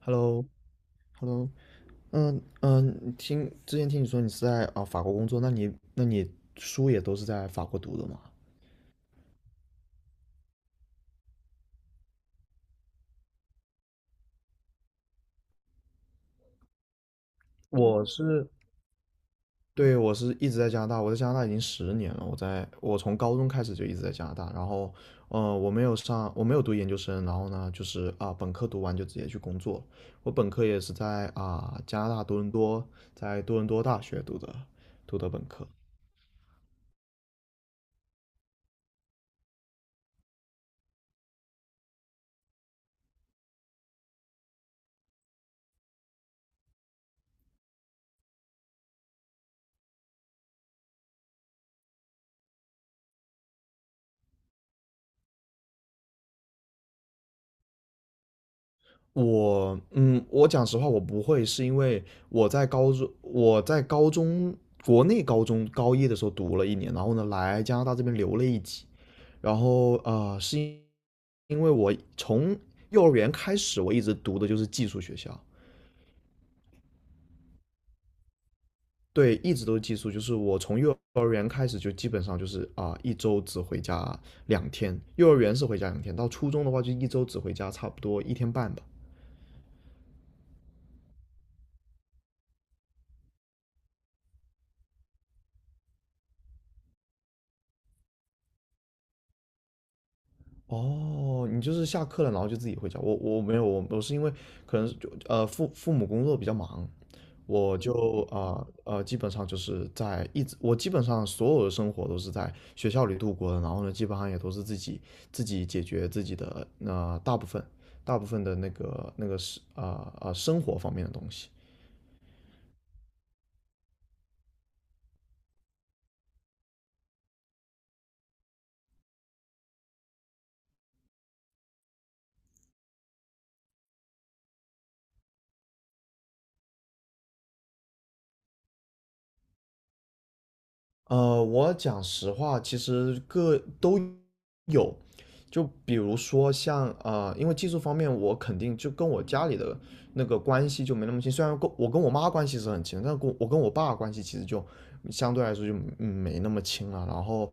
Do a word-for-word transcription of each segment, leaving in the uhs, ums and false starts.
Hello，Hello，嗯嗯，听之前听你说你是在啊法国工作，那你那你书也都是在法国读的吗？我是，对，我是一直在加拿大，我在加拿大已经十年了，我在我从高中开始就一直在加拿大，然后呃我没有上我没有读研究生，然后呢就是啊本科读完就直接去工作了。我本科也是在啊加拿大多伦多，在多伦多大学读的读的本科。我嗯，我讲实话，我不会，是因为我在高中，我在高中国内高中高一的时候读了一年，然后呢来加拿大这边留了一级，然后啊、呃是因因为我从幼儿园开始，我一直读的就是寄宿学校。对，一直都是寄宿，就是我从幼儿园开始就基本上就是啊、呃一周只回家两天，幼儿园是回家两天，到初中的话就一周只回家差不多一天半吧。哦，你就是下课了，然后就自己回家。我我没有，我我是因为可能是就呃父父母工作比较忙，我就啊呃，呃基本上就是在一直我基本上所有的生活都是在学校里度过的，然后呢基本上也都是自己自己解决自己的那、呃大部分大部分的那个那个是啊啊生活方面的东西。呃，我讲实话，其实各都有。就比如说像呃，因为技术方面，我肯定就跟我家里的那个关系就没那么亲。虽然跟我跟我妈关系是很亲，但跟我跟我爸关系其实就相对来说就嗯没那么亲了。然后，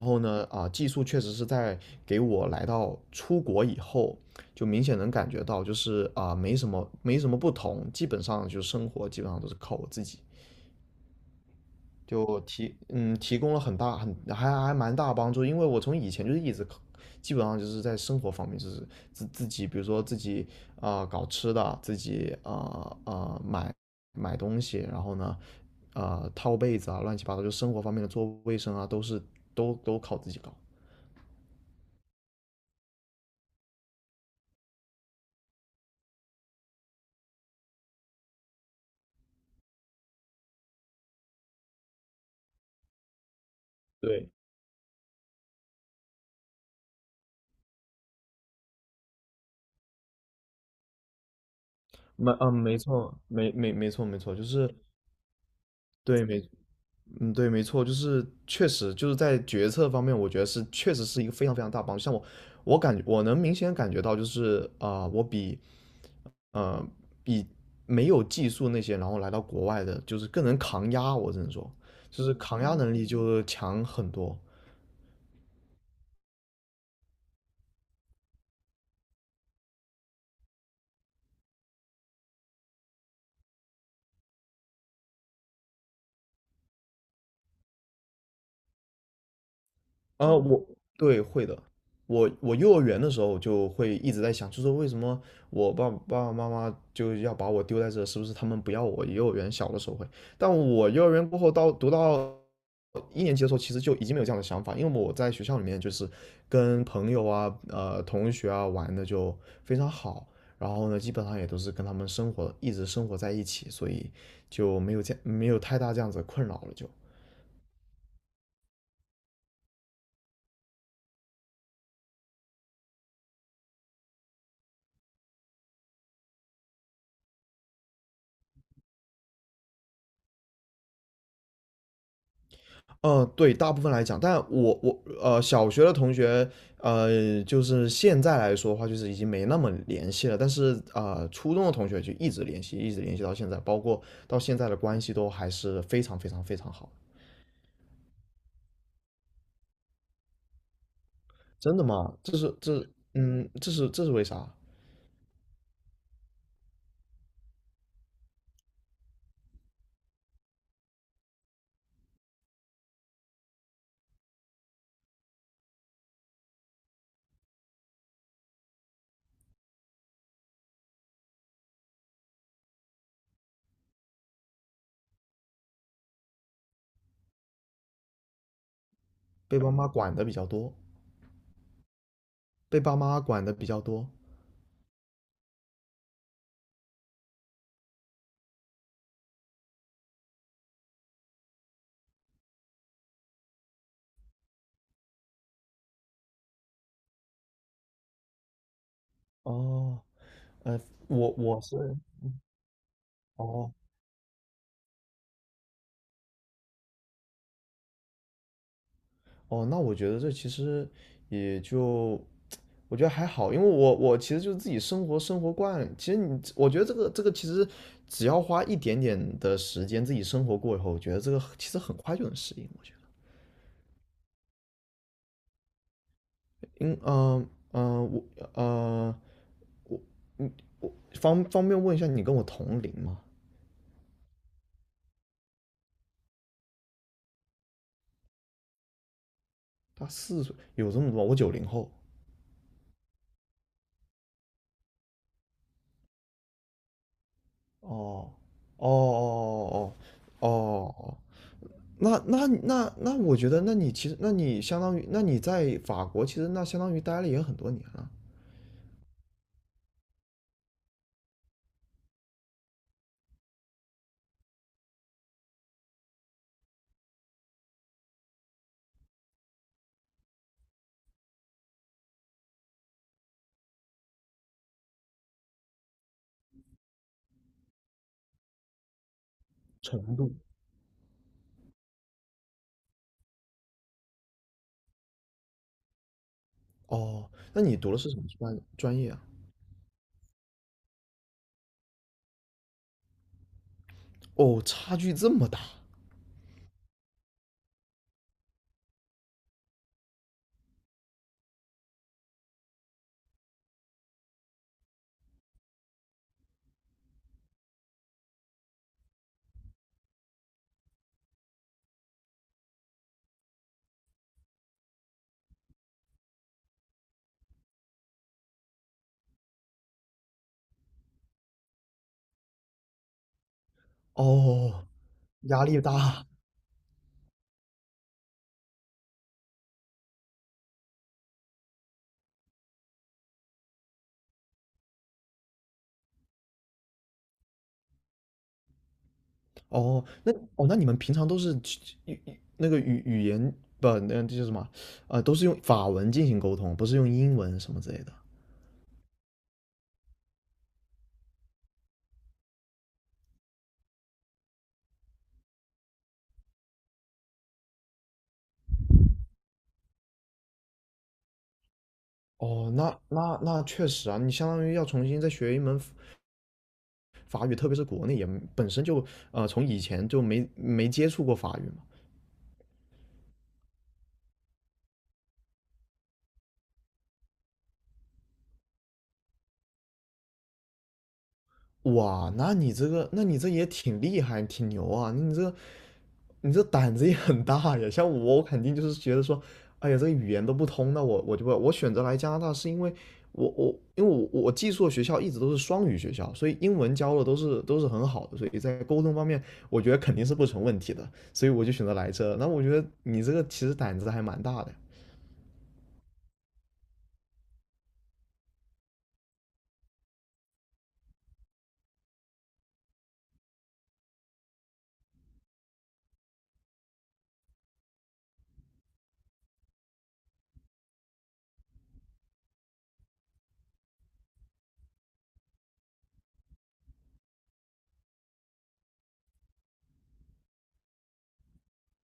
然后呢，啊、技术确实是在给我来到出国以后，就明显能感觉到，就是啊、没什么没什么不同，基本上就生活基本上都是靠我自己。就提嗯提供了很大很还还蛮大帮助，因为我从以前就是一直基本上就是在生活方面就是自自己比如说自己啊、呃搞吃的，自己啊啊、呃呃买买东西，然后呢啊套被子啊乱七八糟，就生活方面的做卫生啊都是都都靠自己搞。对，没嗯没错没没没错没错，就是对没嗯，对，没错，就是确实就是在决策方面，我觉得是确实是一个非常非常大帮助。像我，我感我能明显感觉到，就是啊、我比呃比没有技术那些，然后来到国外的，就是更能扛压。我只能说，就是扛压能力就强很多。啊，我对，会的。我我幼儿园的时候就会一直在想，就是为什么我爸爸爸妈妈就要把我丢在这，是不是他们不要我？幼儿园小的时候会，但我幼儿园过后到读到一年级的时候，其实就已经没有这样的想法，因为我在学校里面就是跟朋友啊、呃同学啊玩的就非常好，然后呢，基本上也都是跟他们生活一直生活在一起，所以就没有这没有太大这样子的困扰了就。嗯，呃对，大部分来讲，但我我呃，小学的同学，呃，就是现在来说的话，就是已经没那么联系了。但是啊、呃初中的同学就一直联系，一直联系到现在，包括到现在的关系都还是非常非常非常好。真的吗？这是这是嗯，这是这是为啥？被爸妈管的比较多，被爸妈管的比较多。哦，呃，我我是哦，哦，那我觉得这其实也就，我觉得还好，因为我我其实就是自己生活生活惯，其实你我觉得这个这个其实只要花一点点的时间自己生活过以后，我觉得这个其实很快就能适应。我觉得，因嗯嗯呃我呃方方便问一下，你跟我同龄吗？大四岁，有这么多吗？我九零后。哦哦哦哦哦哦，那那那那，我觉得，那你其实，那你相当于，那你在法国，其实那相当于待了也很多年了。哦，那你读的是什么专专业啊？哦，差距这么大。哦，压力大。哦，那哦，那你们平常都是去语语那个语语言，不，那这叫什么？呃，都是用法文进行沟通，不是用英文什么之类的。哦，那那那确实啊，你相当于要重新再学一门法语，特别是国内也本身就呃从以前就没没接触过法语嘛。哇，那你这个，那你这也挺厉害，挺牛啊！你这你这胆子也很大呀。像我，我肯定就是觉得说，哎呀，这个语言都不通，那我我就不，我选择来加拿大是因为我我因为我我寄宿的学校一直都是双语学校，所以英文教的都是都是很好的，所以在沟通方面，我觉得肯定是不成问题的，所以我就选择来这。那我觉得你这个其实胆子还蛮大的。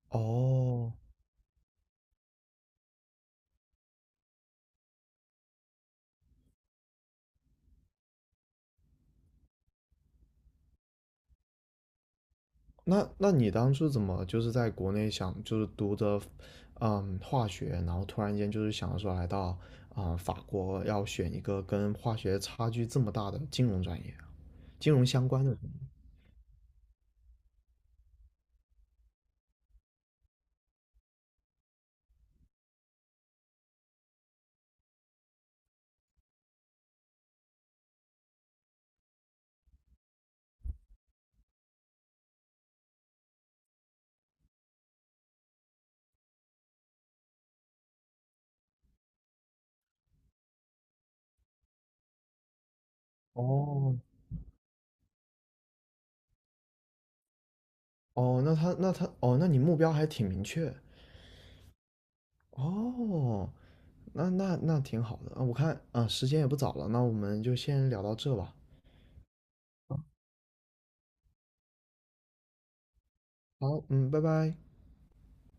哦，那那你当初怎么就是在国内想就是读着，嗯，化学，然后突然间就是想说来到啊、呃法国要选一个跟化学差距这么大的金融专业啊金融相关的专业。哦哦，那他那他哦，那你目标还挺明确。哦，那那那挺好的啊。我看啊，时间也不早了，那我们就先聊到这吧。好，嗯，拜拜。